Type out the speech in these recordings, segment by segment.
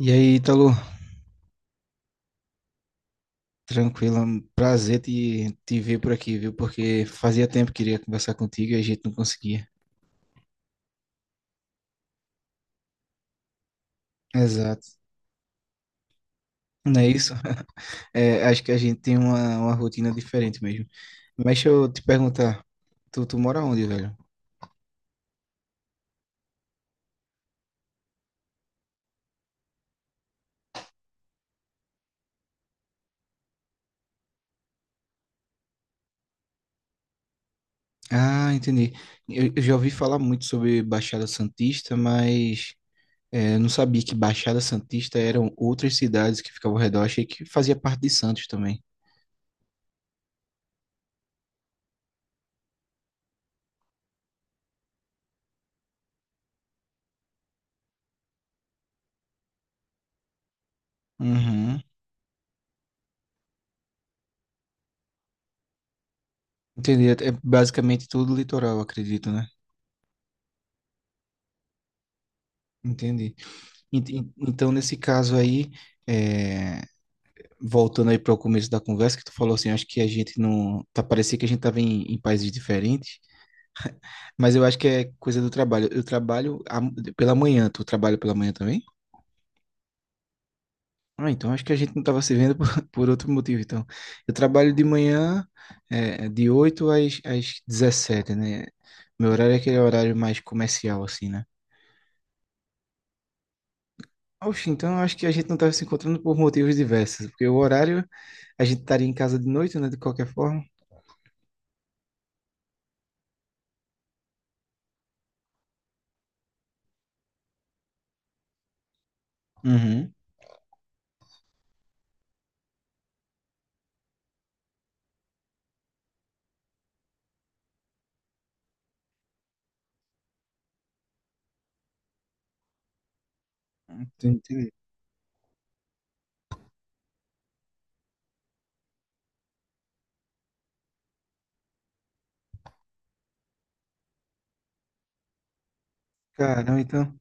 E aí, Ítalo, tranquilo, é um prazer te ver por aqui, viu? Porque fazia tempo que queria conversar contigo e a gente não conseguia. Exato. Não é isso? É, acho que a gente tem uma rotina diferente mesmo. Mas deixa eu te perguntar, tu mora onde, velho? Ah, entendi. Eu já ouvi falar muito sobre Baixada Santista, mas é, não sabia que Baixada Santista eram outras cidades que ficavam ao redor. Achei que fazia parte de Santos também. Uhum. Entendi. É basicamente tudo litoral, acredito, né? Entendi. Então, nesse caso aí, é, voltando aí para o começo da conversa, que tu falou assim, acho que a gente não. Tá, parecia que a gente tava em países diferentes, mas eu acho que é coisa do trabalho. Eu trabalho pela manhã, tu trabalha pela manhã também? Ah, então acho que a gente não tava se vendo por, por outro motivo, então. Eu trabalho de manhã, é, de 8 às 17, né? Meu horário é aquele horário mais comercial, assim, né? Oxe, então eu acho que a gente não estava se encontrando por motivos diversos, porque o horário a gente estaria em casa de noite, né? De qualquer forma. Uhum. Entendi. Caramba, então,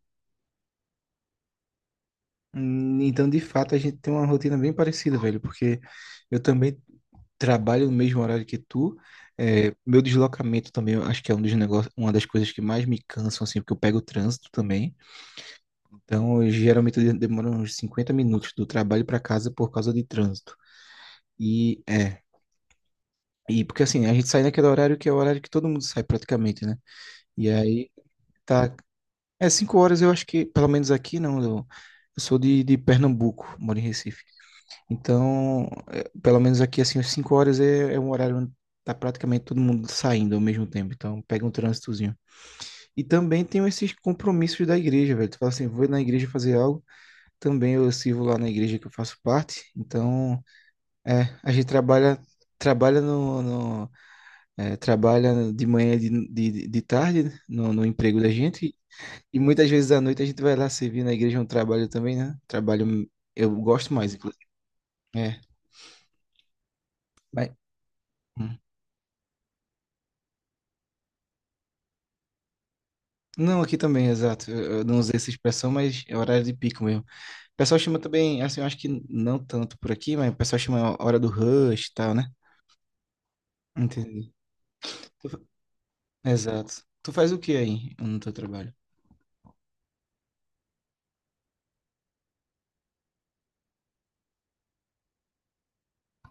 hum, então de fato a gente tem uma rotina bem parecida, velho, porque eu também trabalho no mesmo horário que tu. É, meu deslocamento também, eu acho que é um dos negócios, uma das coisas que mais me cansam, assim, porque eu pego o trânsito também. Então, eu geralmente eu demoro uns 50 minutos do trabalho para casa por causa de trânsito. E E porque assim, a gente sai naquele horário que é o horário que todo mundo sai praticamente, né? E aí tá. É 5 horas, eu acho que, pelo menos aqui, não. Eu sou de Pernambuco, moro em Recife. Então, é, pelo menos aqui, assim, às 5 horas é um horário onde tá praticamente todo mundo saindo ao mesmo tempo. Então, pega um trânsitozinho. E também tem esses compromissos da igreja, velho. Tu fala assim, vou na igreja fazer algo. Também eu sirvo lá na igreja que eu faço parte. Então, é, a gente trabalha trabalha de manhã e de tarde no emprego da gente e muitas vezes à noite a gente vai lá servir na igreja é um trabalho também, né? Trabalho eu gosto mais, inclusive. É, mas- hum. Não, aqui também, exato. Eu não usei essa expressão, mas é horário de pico mesmo. O pessoal chama também, assim, eu acho que não tanto por aqui, mas o pessoal chama hora do rush e tal, né? Entendi. Tu fa- Exato. Tu faz o que aí no teu trabalho?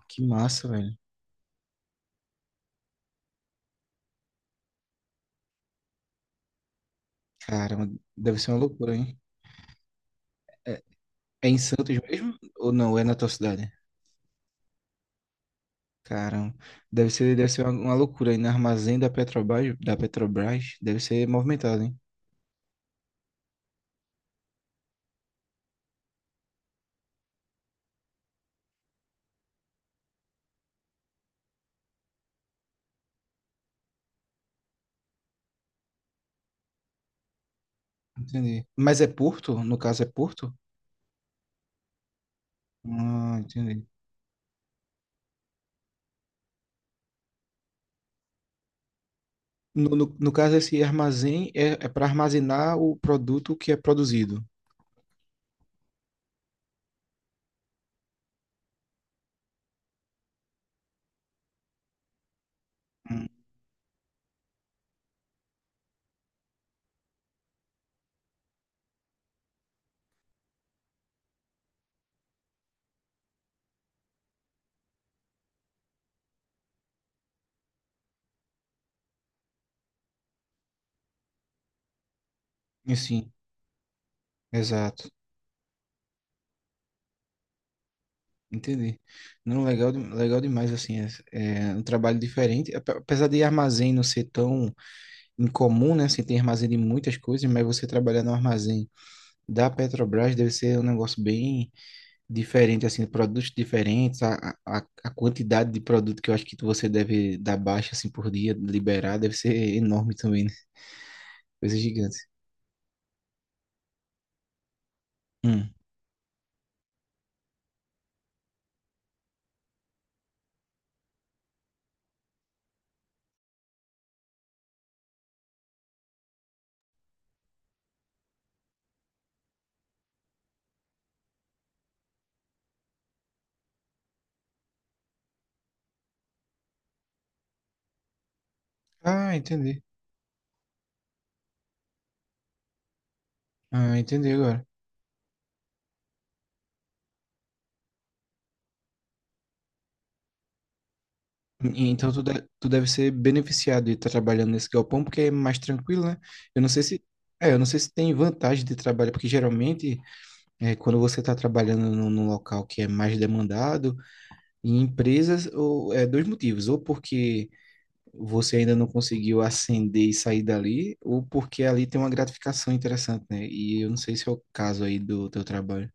Que massa, velho. Caramba, deve ser uma loucura, hein? É, é em Santos mesmo? Ou não? É na tua cidade? Caramba, deve ser uma loucura aí no armazém da Petrobras, deve ser movimentado, hein? Entendi. Mas é Porto? No caso é Porto? Ah, entendi. No caso, esse armazém é para armazenar o produto que é produzido. Hum, e sim, exato. Entendi. Não, legal, legal demais, assim, é um trabalho diferente. Apesar de armazém não ser tão incomum, né? Assim, tem armazém de muitas coisas, mas você trabalhar no armazém da Petrobras deve ser um negócio bem diferente, assim, produtos diferentes, a, a quantidade de produto que eu acho que você deve dar baixa, assim, por dia, liberar, deve ser enorme também, né? Coisa gigante. Hum. Ah, entendi. Ah, entendi agora. Então tu deve ser beneficiado de estar trabalhando nesse galpão, porque é mais tranquilo, né? Eu não sei se. É, eu não sei se tem vantagem de trabalhar, porque geralmente, é, quando você está trabalhando num local que é mais demandado, em empresas, ou, é dois motivos. Ou porque você ainda não conseguiu ascender e sair dali, ou porque ali tem uma gratificação interessante, né? E eu não sei se é o caso aí do teu trabalho.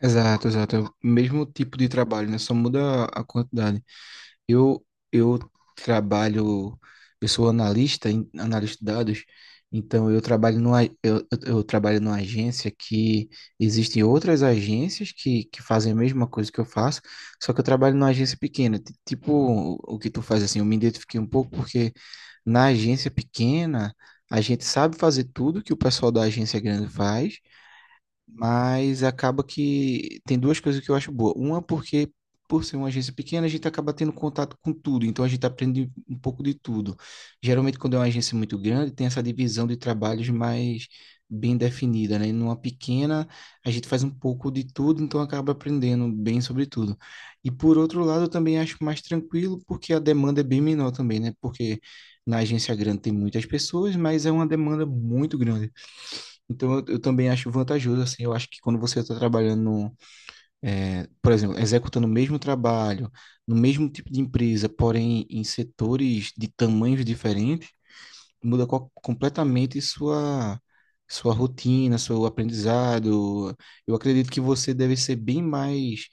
Exato, exato. É o mesmo tipo de trabalho, né? Só muda a quantidade. Eu, eu trabalho, eu sou analista, analista de dados, então eu trabalho numa agência que existem outras agências que fazem a mesma coisa que eu faço, só que eu trabalho numa agência pequena, tipo o que tu faz assim, eu me identifiquei um pouco porque na agência pequena a gente sabe fazer tudo que o pessoal da agência grande faz, mas acaba que tem duas coisas que eu acho boa. Uma, porque por ser uma agência pequena, a gente acaba tendo contato com tudo, então a gente aprende um pouco de tudo. Geralmente, quando é uma agência muito grande, tem essa divisão de trabalhos mais bem definida, né? E numa pequena, a gente faz um pouco de tudo, então acaba aprendendo bem sobre tudo. E por outro lado, eu também acho mais tranquilo, porque a demanda é bem menor também, né? Porque na agência grande tem muitas pessoas, mas é uma demanda muito grande. Então, eu também acho vantajoso, assim, eu acho que quando você está trabalhando, no, eh, por exemplo, executando o mesmo trabalho, no mesmo tipo de empresa, porém em setores de tamanhos diferentes, muda completamente sua rotina, seu aprendizado. Eu acredito que você deve ser bem mais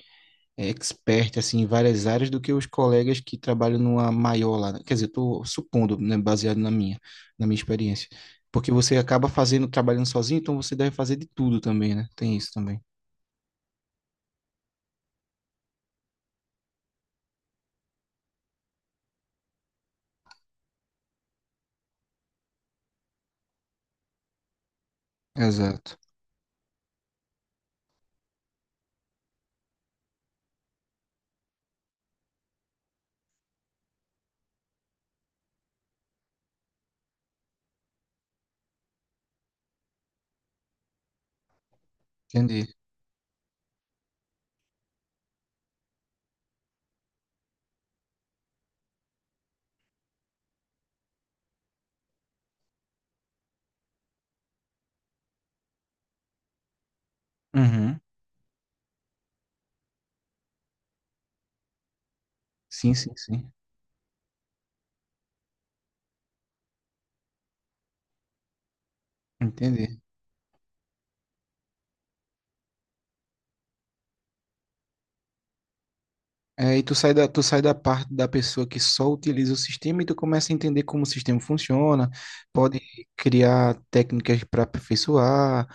é, expert assim, em várias áreas do que os colegas que trabalham numa maior lá, né? Quer dizer, estou supondo, né, baseado na minha experiência. Porque você acaba fazendo, trabalhando sozinho, então você deve fazer de tudo também, né? Tem isso também. Exato. Entendi. Uhum. Sim, sim, sim. Entendi. É, e tu sai da parte da pessoa que só utiliza o sistema e tu começa a entender como o sistema funciona, pode criar técnicas para aperfeiçoar.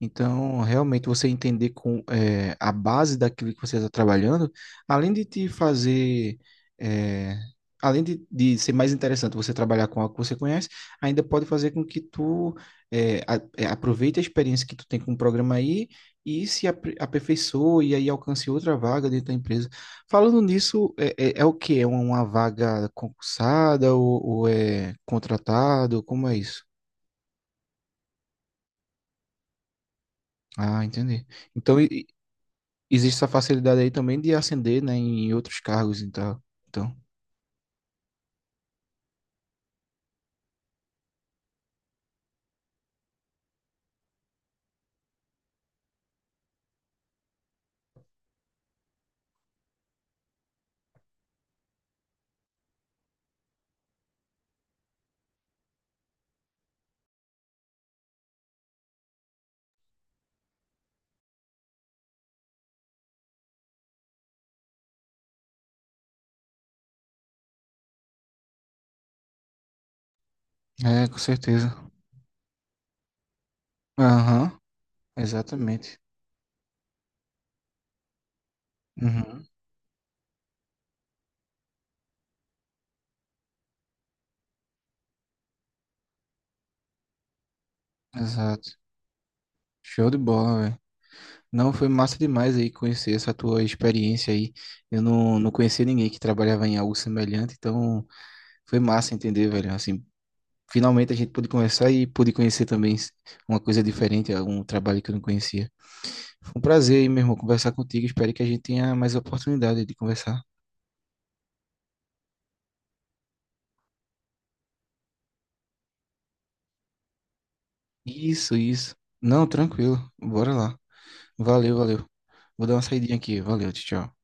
Então, realmente, você entender a base daquilo que você está trabalhando, além de te fazer, eh, além de ser mais interessante você trabalhar com algo que você conhece, ainda pode fazer com que tu aproveite a experiência que tu tem com o programa aí e se aperfeiçoe e aí alcance outra vaga dentro da empresa. Falando nisso, é o que? É uma vaga concursada ou é contratado? Como é isso? Ah, entendi. Então, e existe essa facilidade aí também de ascender, né, em outros cargos e tal. Então, é, com certeza. Aham, exatamente. Uhum, exato. Show de bola, velho. Não, foi massa demais aí conhecer essa tua experiência aí. Eu não, não conhecia ninguém que trabalhava em algo semelhante, então foi massa entender, velho, assim, Finalmente a gente pôde conversar e pude conhecer também uma coisa diferente, algum trabalho que eu não conhecia. Foi um prazer, aí, meu irmão, conversar contigo. Espero que a gente tenha mais oportunidade de conversar. Isso, isso. Não, tranquilo. Bora lá. Valeu, valeu. Vou dar uma saidinha aqui. Valeu, tchau. Tchau.